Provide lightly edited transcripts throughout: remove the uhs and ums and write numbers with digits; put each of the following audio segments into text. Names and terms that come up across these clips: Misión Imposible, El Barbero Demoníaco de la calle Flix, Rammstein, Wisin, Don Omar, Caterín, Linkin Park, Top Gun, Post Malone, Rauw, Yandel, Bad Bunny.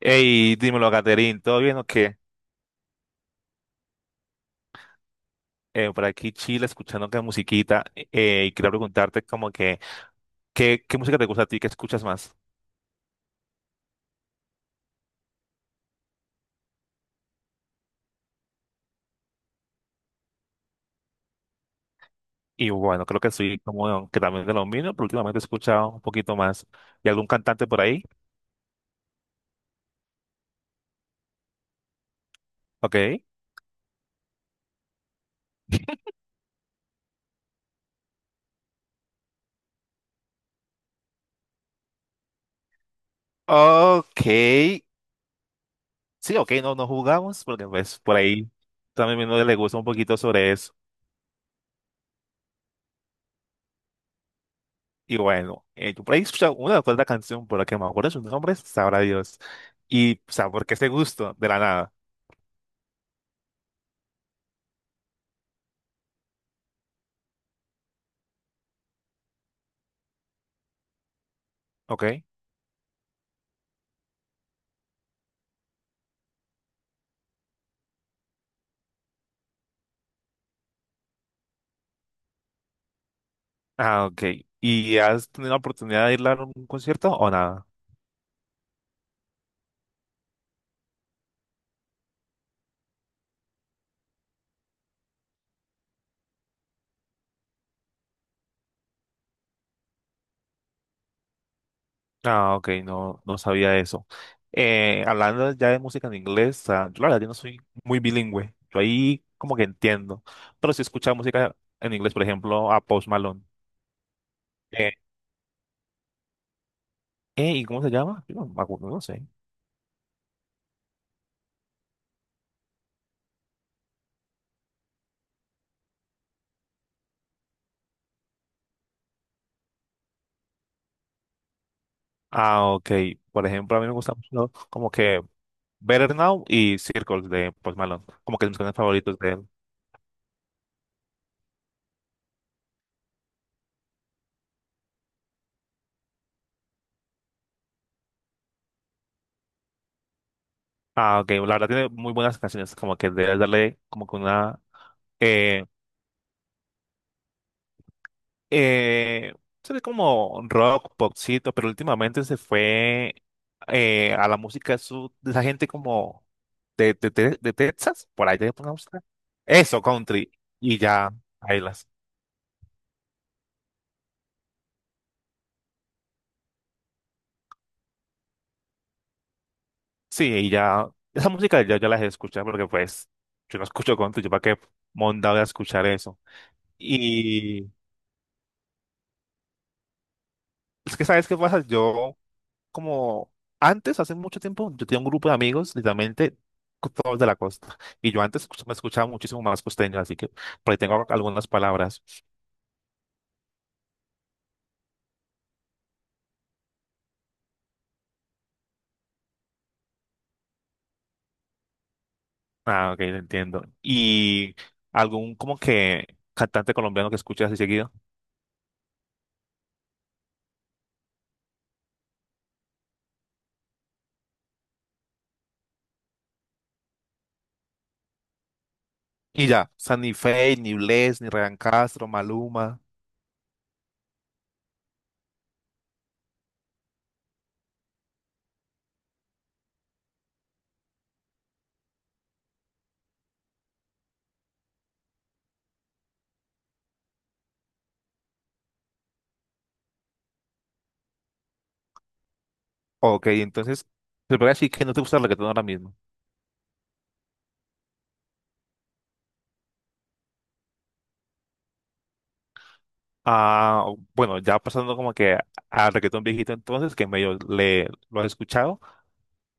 Hey, dímelo, Caterín, ¿todo bien o qué? Por aquí Chile escuchando que musiquita y quería preguntarte como que, ¿qué música te gusta a ti? ¿Qué escuchas más? Y bueno, creo que soy como que también de lo mismo, pero últimamente he escuchado un poquito más. ¿Y algún cantante por ahí? Ok. Ok. Sí, ok, no, no jugamos porque pues por ahí también no le gusta un poquito sobre eso. Y bueno, yo por ahí he escuchado una o otra canción por la que me acuerdo sus nombres, sabrá Dios. Y, o sea, ¿por qué este gusto? De la nada, ¿ok? Ah, ok. ¿Y has tenido la oportunidad de ir a un concierto o nada? Ah, ok, no, no sabía eso. Hablando ya de música en inglés, ah, yo la verdad yo no soy muy bilingüe. Yo ahí como que entiendo. Pero si escuchaba música en inglés, por ejemplo, a Post Malone. Eh, ¿Y cómo se llama? Yo no, me acuerdo, no sé. Ah, ok. Por ejemplo, a mí me gusta mucho como que Better Now y Circles de Post Malone. Como que mis canciones favoritos de él. Ah, ok. La verdad tiene muy buenas canciones. Como que debes darle como que una... eh, Eh, se ve como rock, popcito, pero últimamente se fue a la música sud, de esa gente como de Texas, por ahí te pongamos. Eso, country, y ya, ahí las. Sí, y ya, esa música ya, ya las he escuchado, porque pues, yo no escucho country, yo para qué monda voy a escuchar eso. Y es que, ¿sabes qué pasa? Yo como antes, hace mucho tiempo, yo tenía un grupo de amigos, literalmente todos de la costa. Y yo antes me escuchaba muchísimo más costeño, así que por ahí tengo algunas palabras. Ah, ok, entiendo. Y algún como que cantante colombiano que escuche así seguido. Y ya, o sea, ni Feid, ni Bless, ni Ryan Castro, Maluma. Ok, entonces, te voy a decir que no te gusta el reggaetón ahora mismo. Ah, bueno, ya pasando como que al reggaetón viejito entonces, que medio le, lo has escuchado.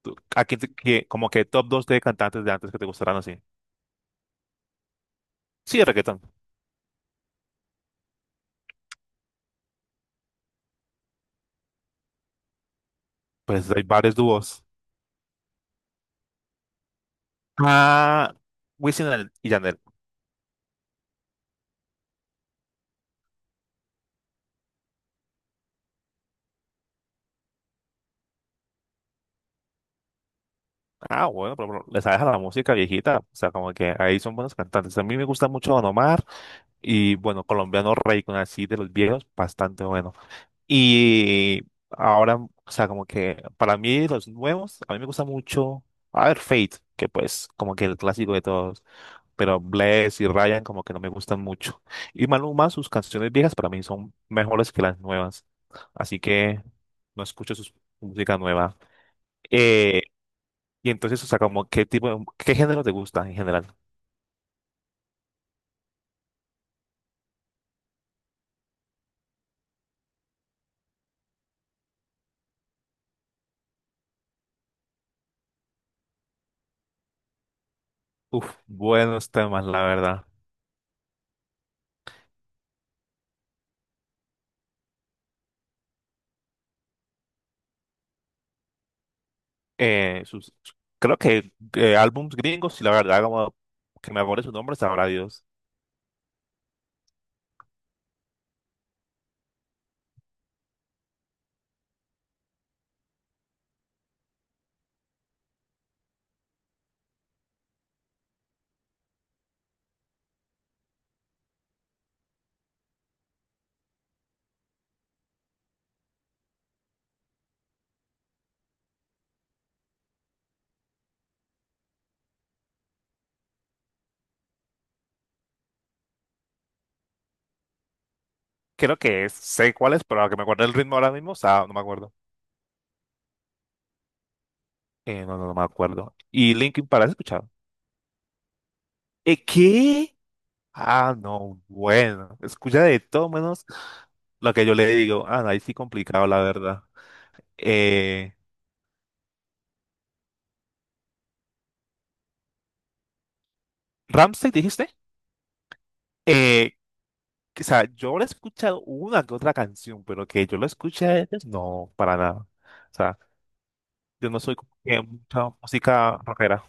¿A quién como que top 2 de cantantes de antes que te gustaran así? Sí, de reggaetón. Pues hay varios dúos. Ah, Wisin y Yandel. Ah, bueno, pero les deja la música viejita. O sea, como que ahí son buenos cantantes. A mí me gusta mucho Don Omar. Y bueno, colombiano con así de los viejos, bastante bueno. Y ahora, o sea, como que para mí los nuevos, a mí me gusta mucho, a ver, Fate, que pues como que el clásico de todos, pero Bless y Ryan como que no me gustan mucho. Y Maluma, sus canciones viejas para mí son mejores que las nuevas, así que no escucho su música nueva. Eh, y entonces, o sea, como qué tipo, qué género te gusta en general. Uf, buenos temas, la verdad. eh, sus, Creo que álbums gringos, y la verdad, como que me acuerde su nombre, sabrá Dios. Creo que es, sé cuál es, pero a que me acuerde el ritmo ahora mismo, o sea, no me acuerdo. No, no, no me acuerdo. ¿Y Linkin Park has escuchado? Qué? Ah, no, bueno, escucha de todo menos lo que yo le digo. Ah, no, ahí sí complicado, la verdad. Eh, ¿Rammstein dijiste? Eh, o sea, yo le he escuchado una que otra canción, pero que yo lo escuché a ellos, no, para nada. O sea, yo no soy como que mucha música rockera.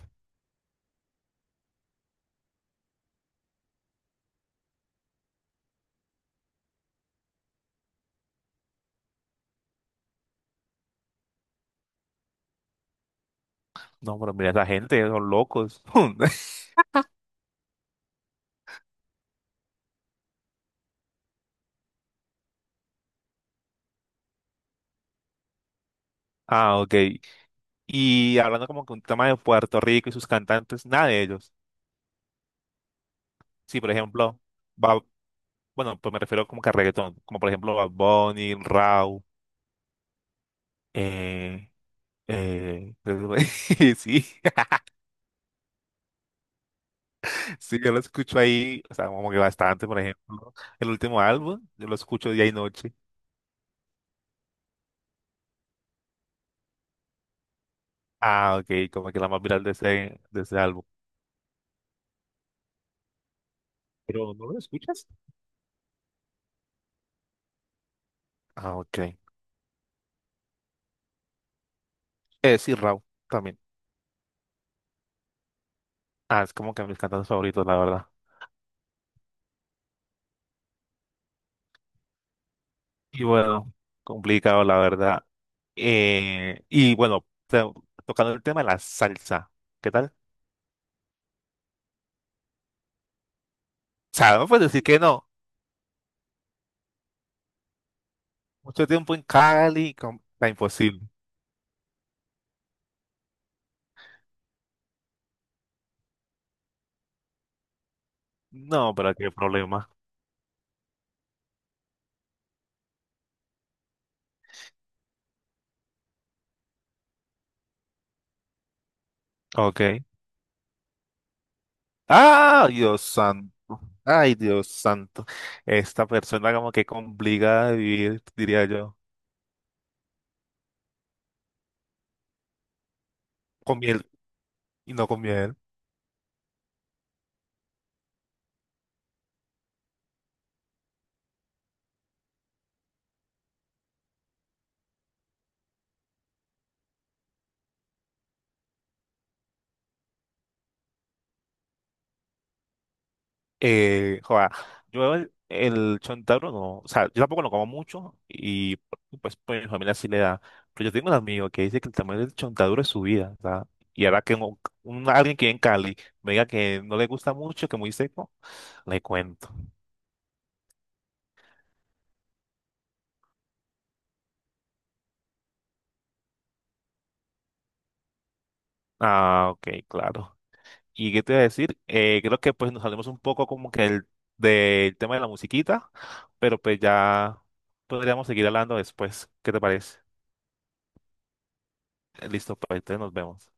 No, pero mira, esa gente, son locos. Ah, ok. Y hablando como que un tema de Puerto Rico y sus cantantes, nada de ellos. Sí, por ejemplo, Bad- bueno, pues me refiero como que a reggaetón, como por ejemplo Bad Bunny, Rauw, eh, eh, sí, sí, yo lo escucho ahí, o sea, como que bastante, por ejemplo, ¿no? El último álbum, yo lo escucho día y noche. Ah, ok, como que la más viral de ese álbum. Pero, ¿no lo escuchas? Ah, ok. Sí, Rauw también. Ah, es como que mis cantantes favoritos, la verdad. Y bueno, complicado, la verdad. Y bueno, tocando el tema de la salsa, ¿qué tal? O sea, no puedes decir que no. Mucho tiempo en Cali, está imposible. No, pero qué problema. Ok. Ah, Dios santo. Ay, Dios santo. Esta persona como que complicada de vivir, diría yo. Con miel y no con miel. Joda, yo el chontaduro no, o sea, yo tampoco lo como mucho y pues, pues mi familia sí le da, pero yo tengo un amigo que dice que el tamaño del chontaduro es su vida, o y ahora que alguien que vive en Cali me diga que no le gusta mucho, que muy seco, le cuento. Ah, ok, claro. ¿Y qué te iba a decir? Creo que pues nos salimos un poco como que el, del tema de la musiquita, pero pues ya podríamos seguir hablando después, ¿qué te parece? Listo, pues entonces nos vemos.